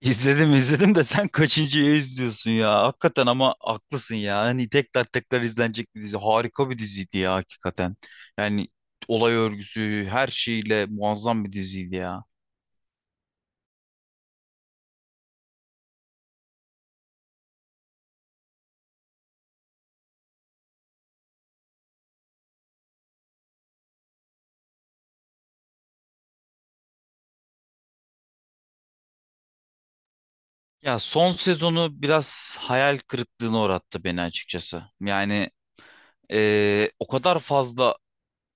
İzledim izledim de sen kaçıncıyı izliyorsun ya? Hakikaten ama haklısın ya. Hani tekrar tekrar izlenecek bir dizi. Harika bir diziydi ya hakikaten. Yani olay örgüsü her şeyle muazzam bir diziydi ya. Ya son sezonu biraz hayal kırıklığına uğrattı beni açıkçası. Yani o kadar fazla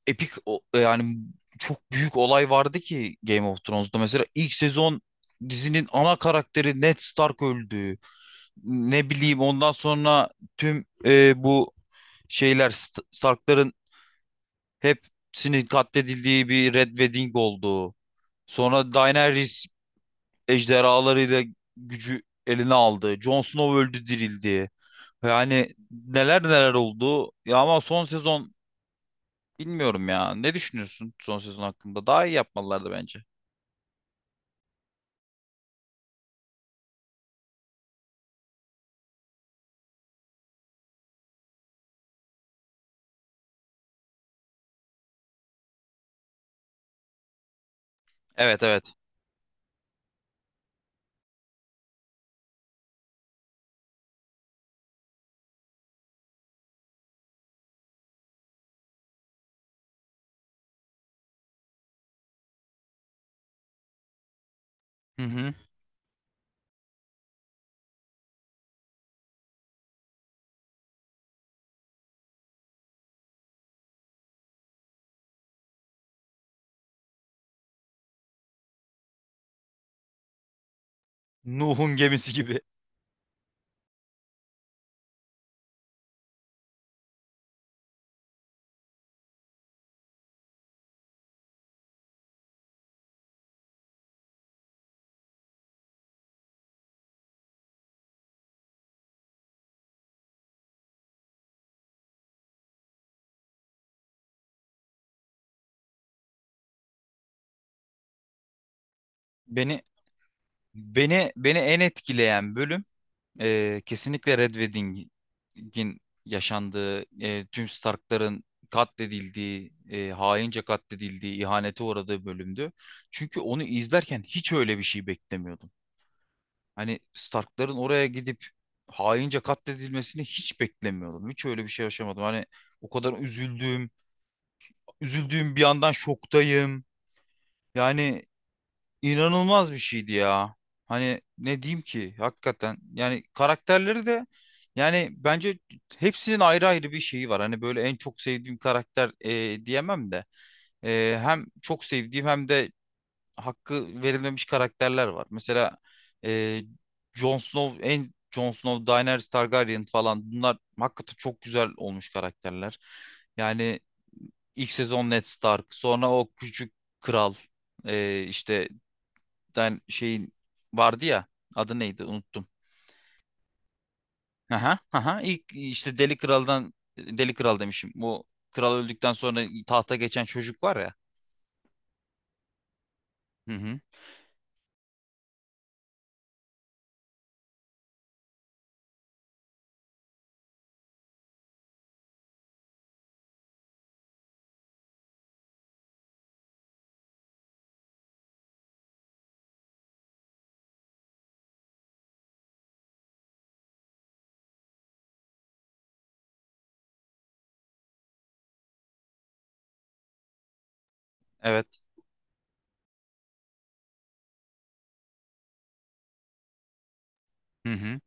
yani çok büyük olay vardı ki Game of Thrones'da. Mesela ilk sezon dizinin ana karakteri Ned Stark öldü. Ne bileyim, ondan sonra tüm bu Stark'ların hepsinin katledildiği bir Red Wedding oldu. Sonra Daenerys ejderhalarıyla gücü eline aldı. Jon Snow öldü, dirildi. Yani neler neler oldu. Ya ama son sezon, bilmiyorum ya. Ne düşünüyorsun son sezon hakkında? Daha iyi yapmalılardı bence. Evet, evet. Hı hı. Nuh'un gemisi gibi. Beni beni en etkileyen bölüm, kesinlikle Red Wedding'in yaşandığı, tüm Stark'ların katledildiği, haince katledildiği, ihanete uğradığı bölümdü. Çünkü onu izlerken hiç öyle bir şey beklemiyordum. Hani Stark'ların oraya gidip haince katledilmesini hiç beklemiyordum. Hiç öyle bir şey yaşamadım. Hani o kadar üzüldüm, üzüldüğüm bir yandan şoktayım. Yani inanılmaz bir şeydi ya. Hani ne diyeyim ki hakikaten, yani karakterleri de, yani bence hepsinin ayrı ayrı bir şeyi var. Hani böyle en çok sevdiğim karakter diyemem de hem çok sevdiğim hem de hakkı verilmemiş karakterler var. Mesela e, Jon Snow en Jon Snow, Daenerys Targaryen falan, bunlar hakikaten çok güzel olmuş karakterler. Yani ilk sezon Ned Stark, sonra o küçük kral, işte tane şeyin vardı ya. Adı neydi? Unuttum. Aha, aha. İlk işte Deli Kral'dan, Deli Kral demişim. Bu kral öldükten sonra tahta geçen çocuk var ya. Hı hı. Evet. Hı hı.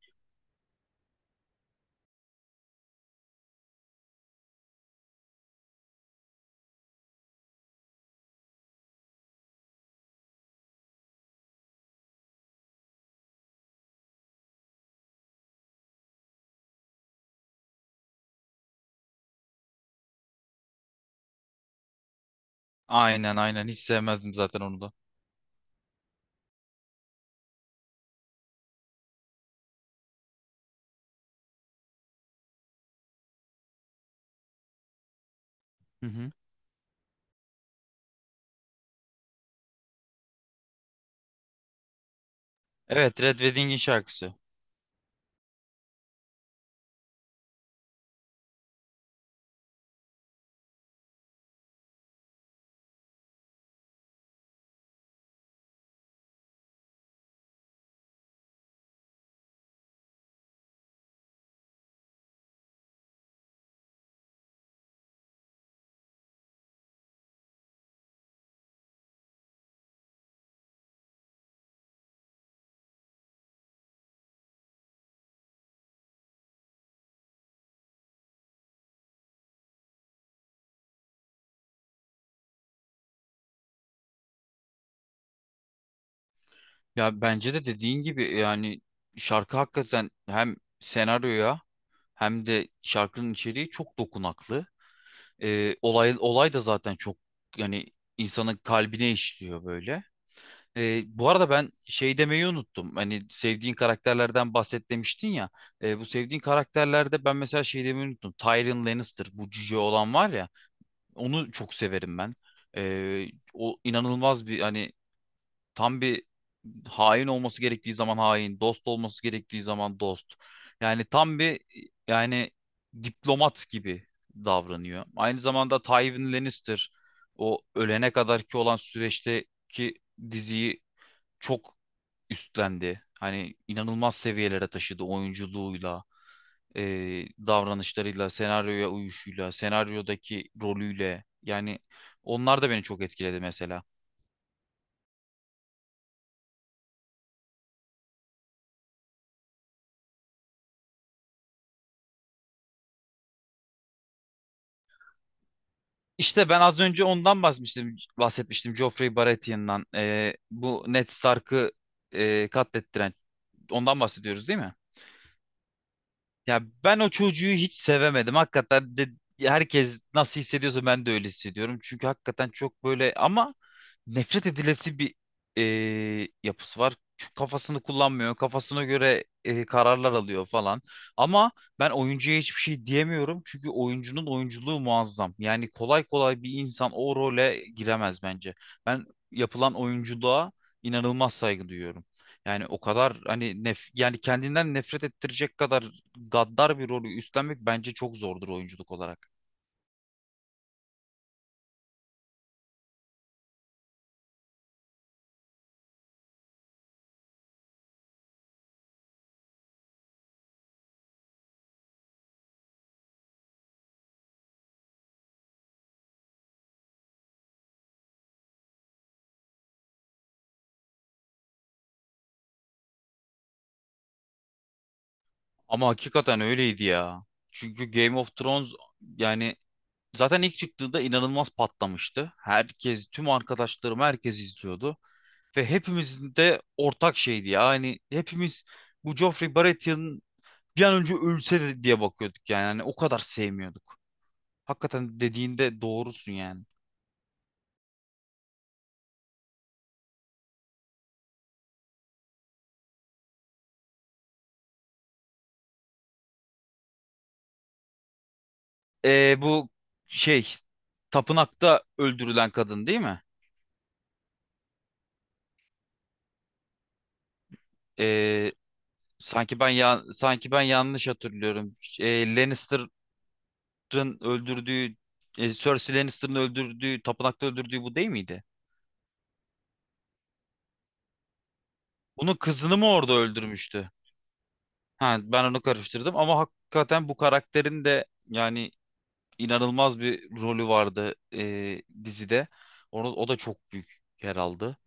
Aynen, aynen. Hiç sevmezdim zaten onu da. Hı hı. Evet, Red Wedding'in şarkısı. Ya bence de dediğin gibi, yani şarkı hakikaten hem senaryoya hem de şarkının içeriği çok dokunaklı. Olay da zaten çok, yani insanın kalbine işliyor böyle. E, bu arada ben şey demeyi unuttum. Hani sevdiğin karakterlerden bahset demiştin ya. E, bu sevdiğin karakterlerde ben mesela şey demeyi unuttum. Tyrion Lannister, bu cüce olan var ya. Onu çok severim ben. E, o inanılmaz bir, hani tam bir, hain olması gerektiği zaman hain, dost olması gerektiği zaman dost. Yani tam bir, yani diplomat gibi davranıyor. Aynı zamanda Tywin Lannister, o ölene kadarki olan süreçteki diziyi çok üstlendi. Hani inanılmaz seviyelere taşıdı oyunculuğuyla, e, davranışlarıyla, senaryoya uyuşuyla, senaryodaki rolüyle. Yani onlar da beni çok etkiledi mesela. İşte ben az önce ondan bahsetmiştim Joffrey Baratheon'dan. E, bu Ned Stark'ı katlettiren. Ondan bahsediyoruz değil mi? Ya ben o çocuğu hiç sevemedim. Hakikaten de herkes nasıl hissediyorsa ben de öyle hissediyorum. Çünkü hakikaten çok böyle ama nefret edilesi bir e, yapısı var. Çünkü kafasını kullanmıyor. Kafasına göre kararlar alıyor falan. Ama ben oyuncuya hiçbir şey diyemiyorum. Çünkü oyuncunun oyunculuğu muazzam. Yani kolay kolay bir insan o role giremez bence. Ben yapılan oyunculuğa inanılmaz saygı duyuyorum. Yani o kadar hani nef, yani kendinden nefret ettirecek kadar gaddar bir rolü üstlenmek bence çok zordur oyunculuk olarak. Ama hakikaten öyleydi ya. Çünkü Game of Thrones, yani zaten ilk çıktığında inanılmaz patlamıştı. Herkes, tüm arkadaşlarım, herkes izliyordu. Ve hepimizin de ortak şeydi ya. Hani hepimiz bu Joffrey Baratheon bir an önce ölse de diye bakıyorduk yani. Hani o kadar sevmiyorduk. Hakikaten dediğinde doğrusun yani. Bu şey, tapınakta öldürülen kadın değil mi? Ee, Sanki ben, ya sanki ben yanlış hatırlıyorum. E, Lannister'ın öldürdüğü, Cersei Lannister'ın öldürdüğü, tapınakta öldürdüğü bu değil miydi? Bunun kızını mı orada öldürmüştü? Ha, ben onu karıştırdım ama hakikaten bu karakterin de yani inanılmaz bir rolü vardı dizide. Onu, o da çok büyük yer aldı.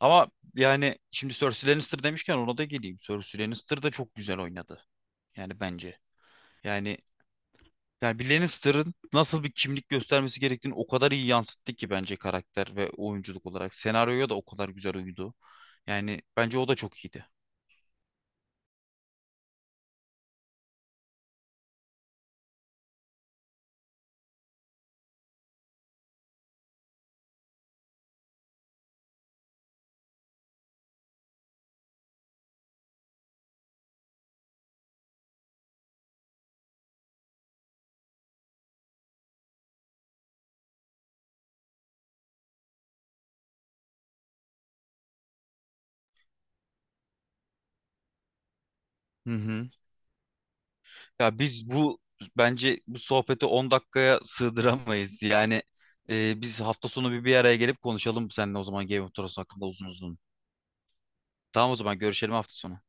Ama yani şimdi Cersei Lannister demişken ona da geleyim. Cersei Lannister da çok güzel oynadı. Yani bence. Yani Yani bir Lannister'ın nasıl bir kimlik göstermesi gerektiğini o kadar iyi yansıttı ki bence karakter ve oyunculuk olarak. Senaryoya da o kadar güzel uydu. Yani bence o da çok iyiydi. Hı hı. Ya biz bu, bence bu sohbeti 10 dakikaya sığdıramayız. Yani biz hafta sonu bir araya gelip konuşalım seninle, o zaman Game of Thrones hakkında uzun uzun. Tamam, o zaman görüşelim hafta sonu.